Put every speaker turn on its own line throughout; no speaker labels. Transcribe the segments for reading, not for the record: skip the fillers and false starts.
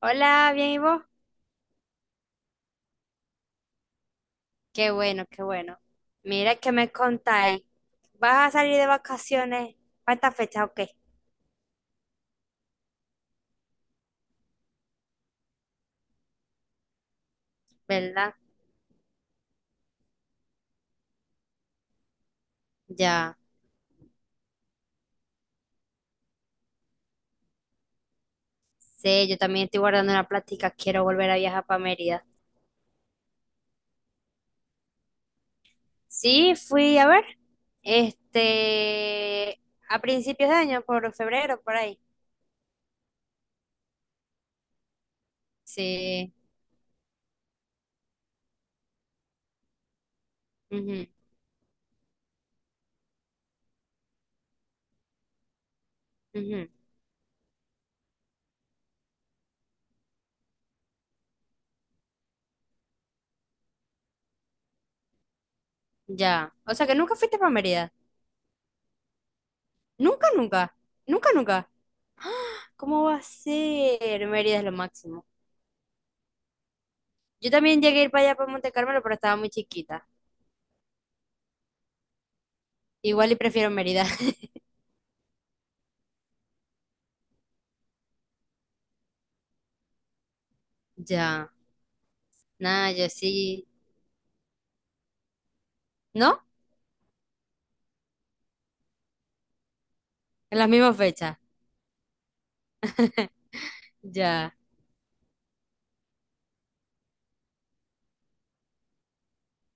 Hola, bien, ¿y vos? Qué bueno, qué bueno. Mira que me contáis. ¿Vas a salir de vacaciones para esta fecha o qué? ¿Verdad? Ya sí. Yo también estoy guardando una plática. Quiero volver a viajar para Mérida. Sí, fui a ver. Este, a principios de año, por febrero, por ahí. Sí. Ujú, ujú. Ya. O sea que nunca fuiste para Mérida. Nunca, nunca. Nunca, nunca. ¿Cómo va a ser? Mérida es lo máximo. Yo también llegué a ir para allá, para Monte Carmelo, pero estaba muy chiquita. Igual y prefiero Mérida. Ya. Nada, yo sí. ¿No? En las mismas fechas. Ya.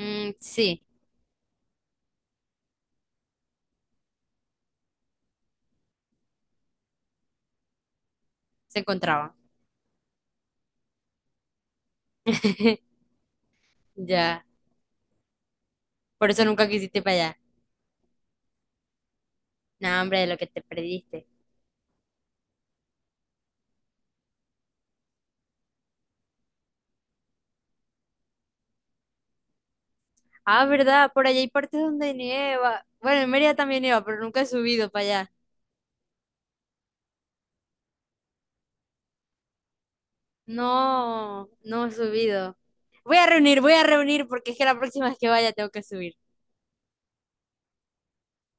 Mm, sí, se encontraban. Ya. Por eso nunca quisiste ir para allá. No, hombre, de lo que te perdiste. Ah, ¿verdad? Por allá hay partes donde nieva. Bueno, en Mérida también nieva, pero nunca he subido para allá. No, no he subido. Voy a reunir porque es que la próxima vez que vaya tengo que subir.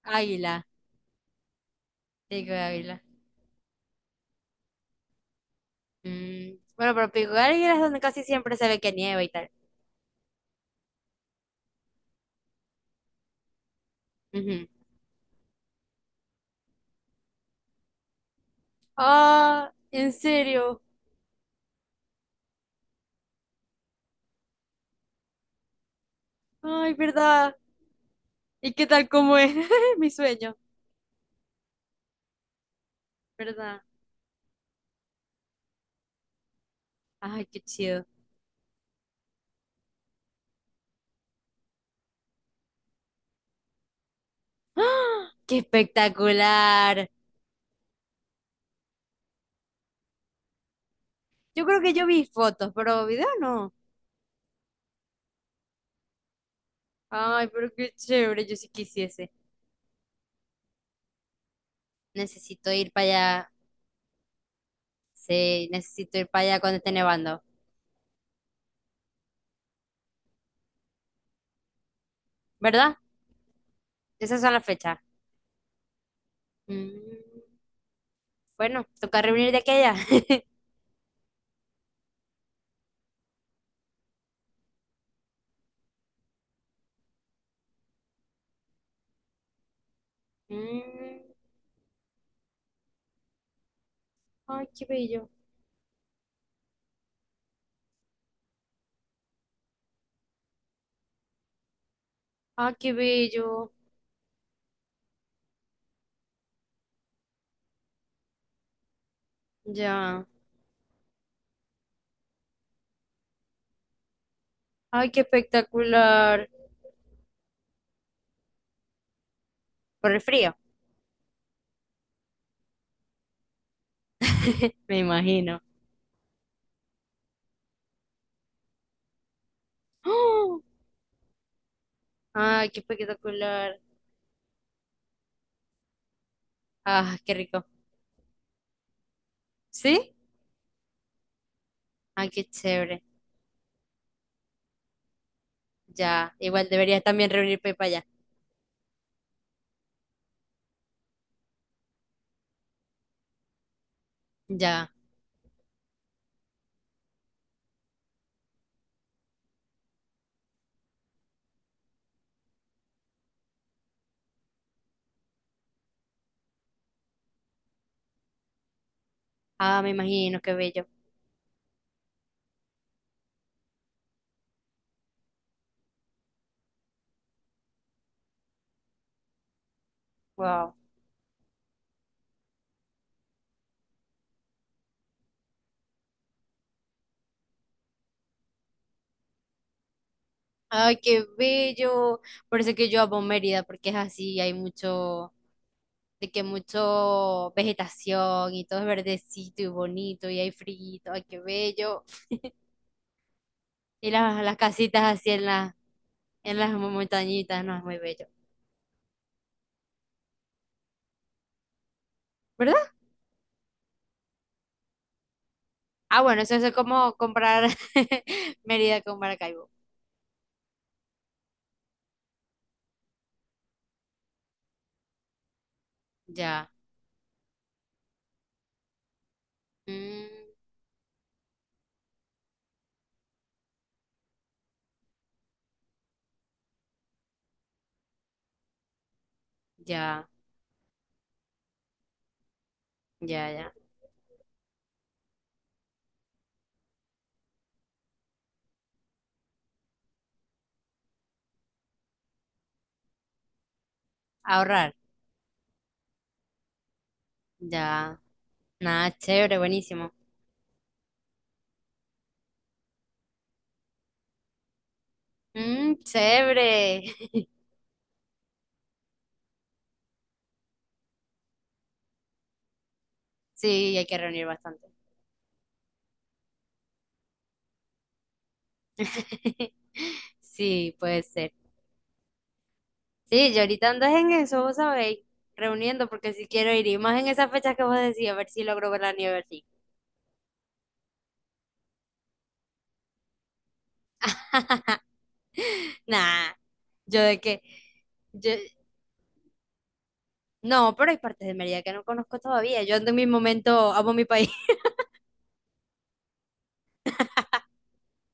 Águila, digo águila. Mm, bueno, pero Pico Galera es donde casi siempre se ve que nieva y tal. Ujú. Ah, ¿en serio? Ay, ¿verdad? ¿Y qué tal cómo es? Mi sueño, ¿verdad? Ay, qué chido. ¡Ah! ¡Qué espectacular! Yo creo que yo vi fotos, pero video no. Ay, pero qué chévere, yo sí quisiese. Necesito ir para allá. Sí, necesito ir para allá cuando esté nevando, ¿verdad? Esas son las fechas. Mm, bueno, toca reunir de aquella. Mm. Ay, qué bello. Ay, qué bello. Ya. Ay, qué espectacular. Por el frío. Me imagino. ¡Oh! Ay, qué espectacular. Ah, qué rico. ¿Sí? Ay, qué chévere. Ya. Igual deberías también reunirte para allá. Ya. Ah, me imagino, qué bello. Wow. Ay, qué bello. Por eso que yo amo Mérida, porque es así, hay mucho, de que mucho vegetación y todo es verdecito y bonito y hay frío. Ay, qué bello. Y las casitas así en, en las montañitas, no, es muy bello. ¿Verdad? Ah, bueno, eso es como comprar Mérida con Maracaibo. Ya. Mm, ya, ya. Ahorrar. Ya. Nada, chévere, buenísimo. Mm, chévere. Sí, hay que reunir bastante. Sí, puede ser. Sí, yo ahorita ando en eso, vos sabéis, reuniendo, porque si quiero ir, y más en esas fechas que vos decís, a ver si logro ver la nieve así. Nah. Yo de que, yo, no, pero hay partes de Mérida que no conozco todavía. Yo ando en mi momento, amo mi país.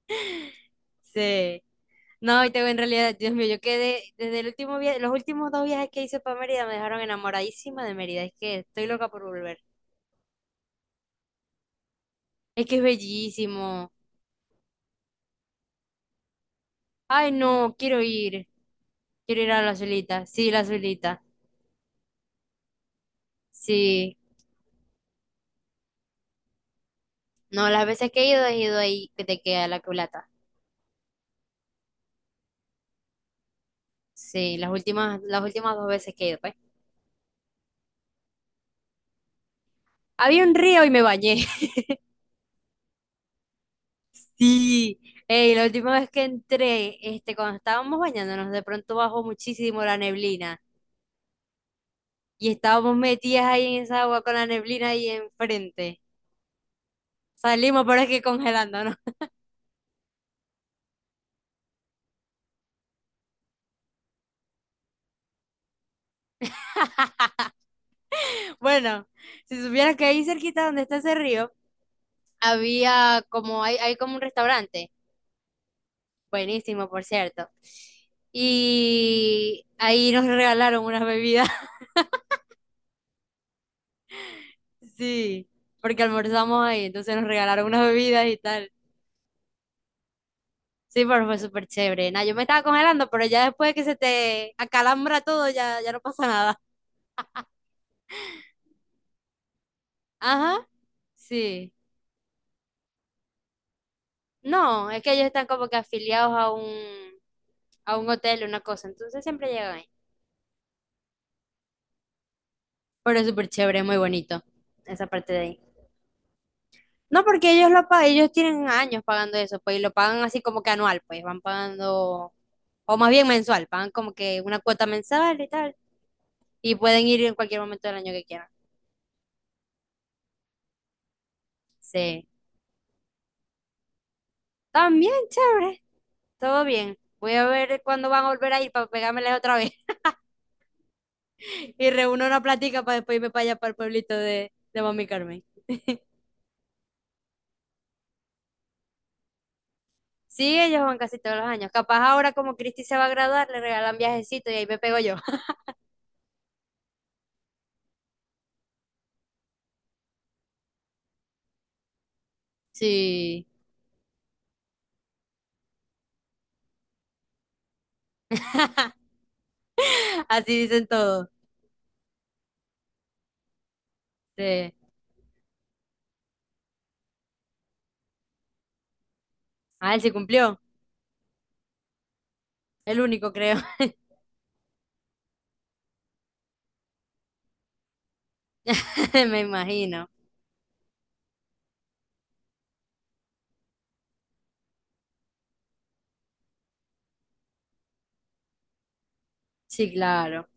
Sí. No, y tengo en realidad, Dios mío, yo quedé desde el último viaje, los últimos dos viajes que hice para Mérida me dejaron enamoradísima de Mérida. Es que estoy loca por volver. Es que es bellísimo. Ay, no, quiero ir. Quiero ir a la Zulita. Sí, la Zulita. Sí. No, las veces que he ido ahí que te queda la culata. Sí, las últimas dos veces que he ido, pues. Había un río y me bañé. Sí, ey, la última vez que entré, cuando estábamos bañándonos, de pronto bajó muchísimo la neblina y estábamos metidas ahí en esa agua con la neblina ahí enfrente. Salimos, pero es que congelándonos. Bueno, si supieras que ahí cerquita donde está ese río, hay como un restaurante, buenísimo, por cierto. Y ahí nos regalaron unas bebidas, sí, porque almorzamos ahí, entonces nos regalaron unas bebidas y tal. Sí, pero fue súper chévere. Nah, yo me estaba congelando, pero ya después que se te acalambra todo, ya no pasa nada. Ajá, sí. No, es que ellos están como que afiliados a a un hotel, una cosa, entonces siempre llegan ahí. Pero es súper chévere, muy bonito esa parte de ahí. No, porque ellos lo pagan, ellos tienen años pagando eso, pues, y lo pagan así como que anual, pues, van pagando, o más bien mensual, pagan como que una cuota mensual y tal, y pueden ir en cualquier momento del año que quieran. Sí, también chévere. Todo bien. Voy a ver cuándo van a volver a ir para pegármeles otra vez. Y reúno una plática para después irme para allá, para el pueblito de, Mami Carmen. Sí, ellos van casi todos los años. Capaz ahora como Cristi se va a graduar, le regalan viajecito y ahí me pego yo. Sí. Así dicen todos. Sí. Ah, él sí cumplió. El único, creo. Me imagino. Sí, claro.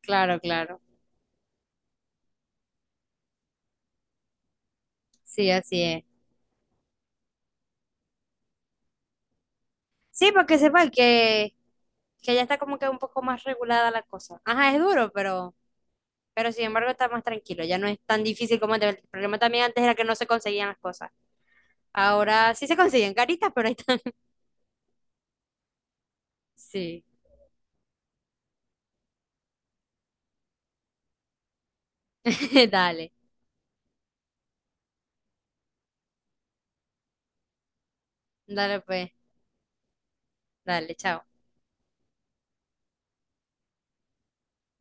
Claro, claro. Sí, así es. Sí, porque sepan que ya está como que un poco más regulada la cosa. Ajá, es duro, pero sin embargo está más tranquilo, ya no es tan difícil como antes. El problema también antes era que no se conseguían las cosas. Ahora sí se consiguen caritas, pero ahí están. Sí, dale, dale pues, dale, chao.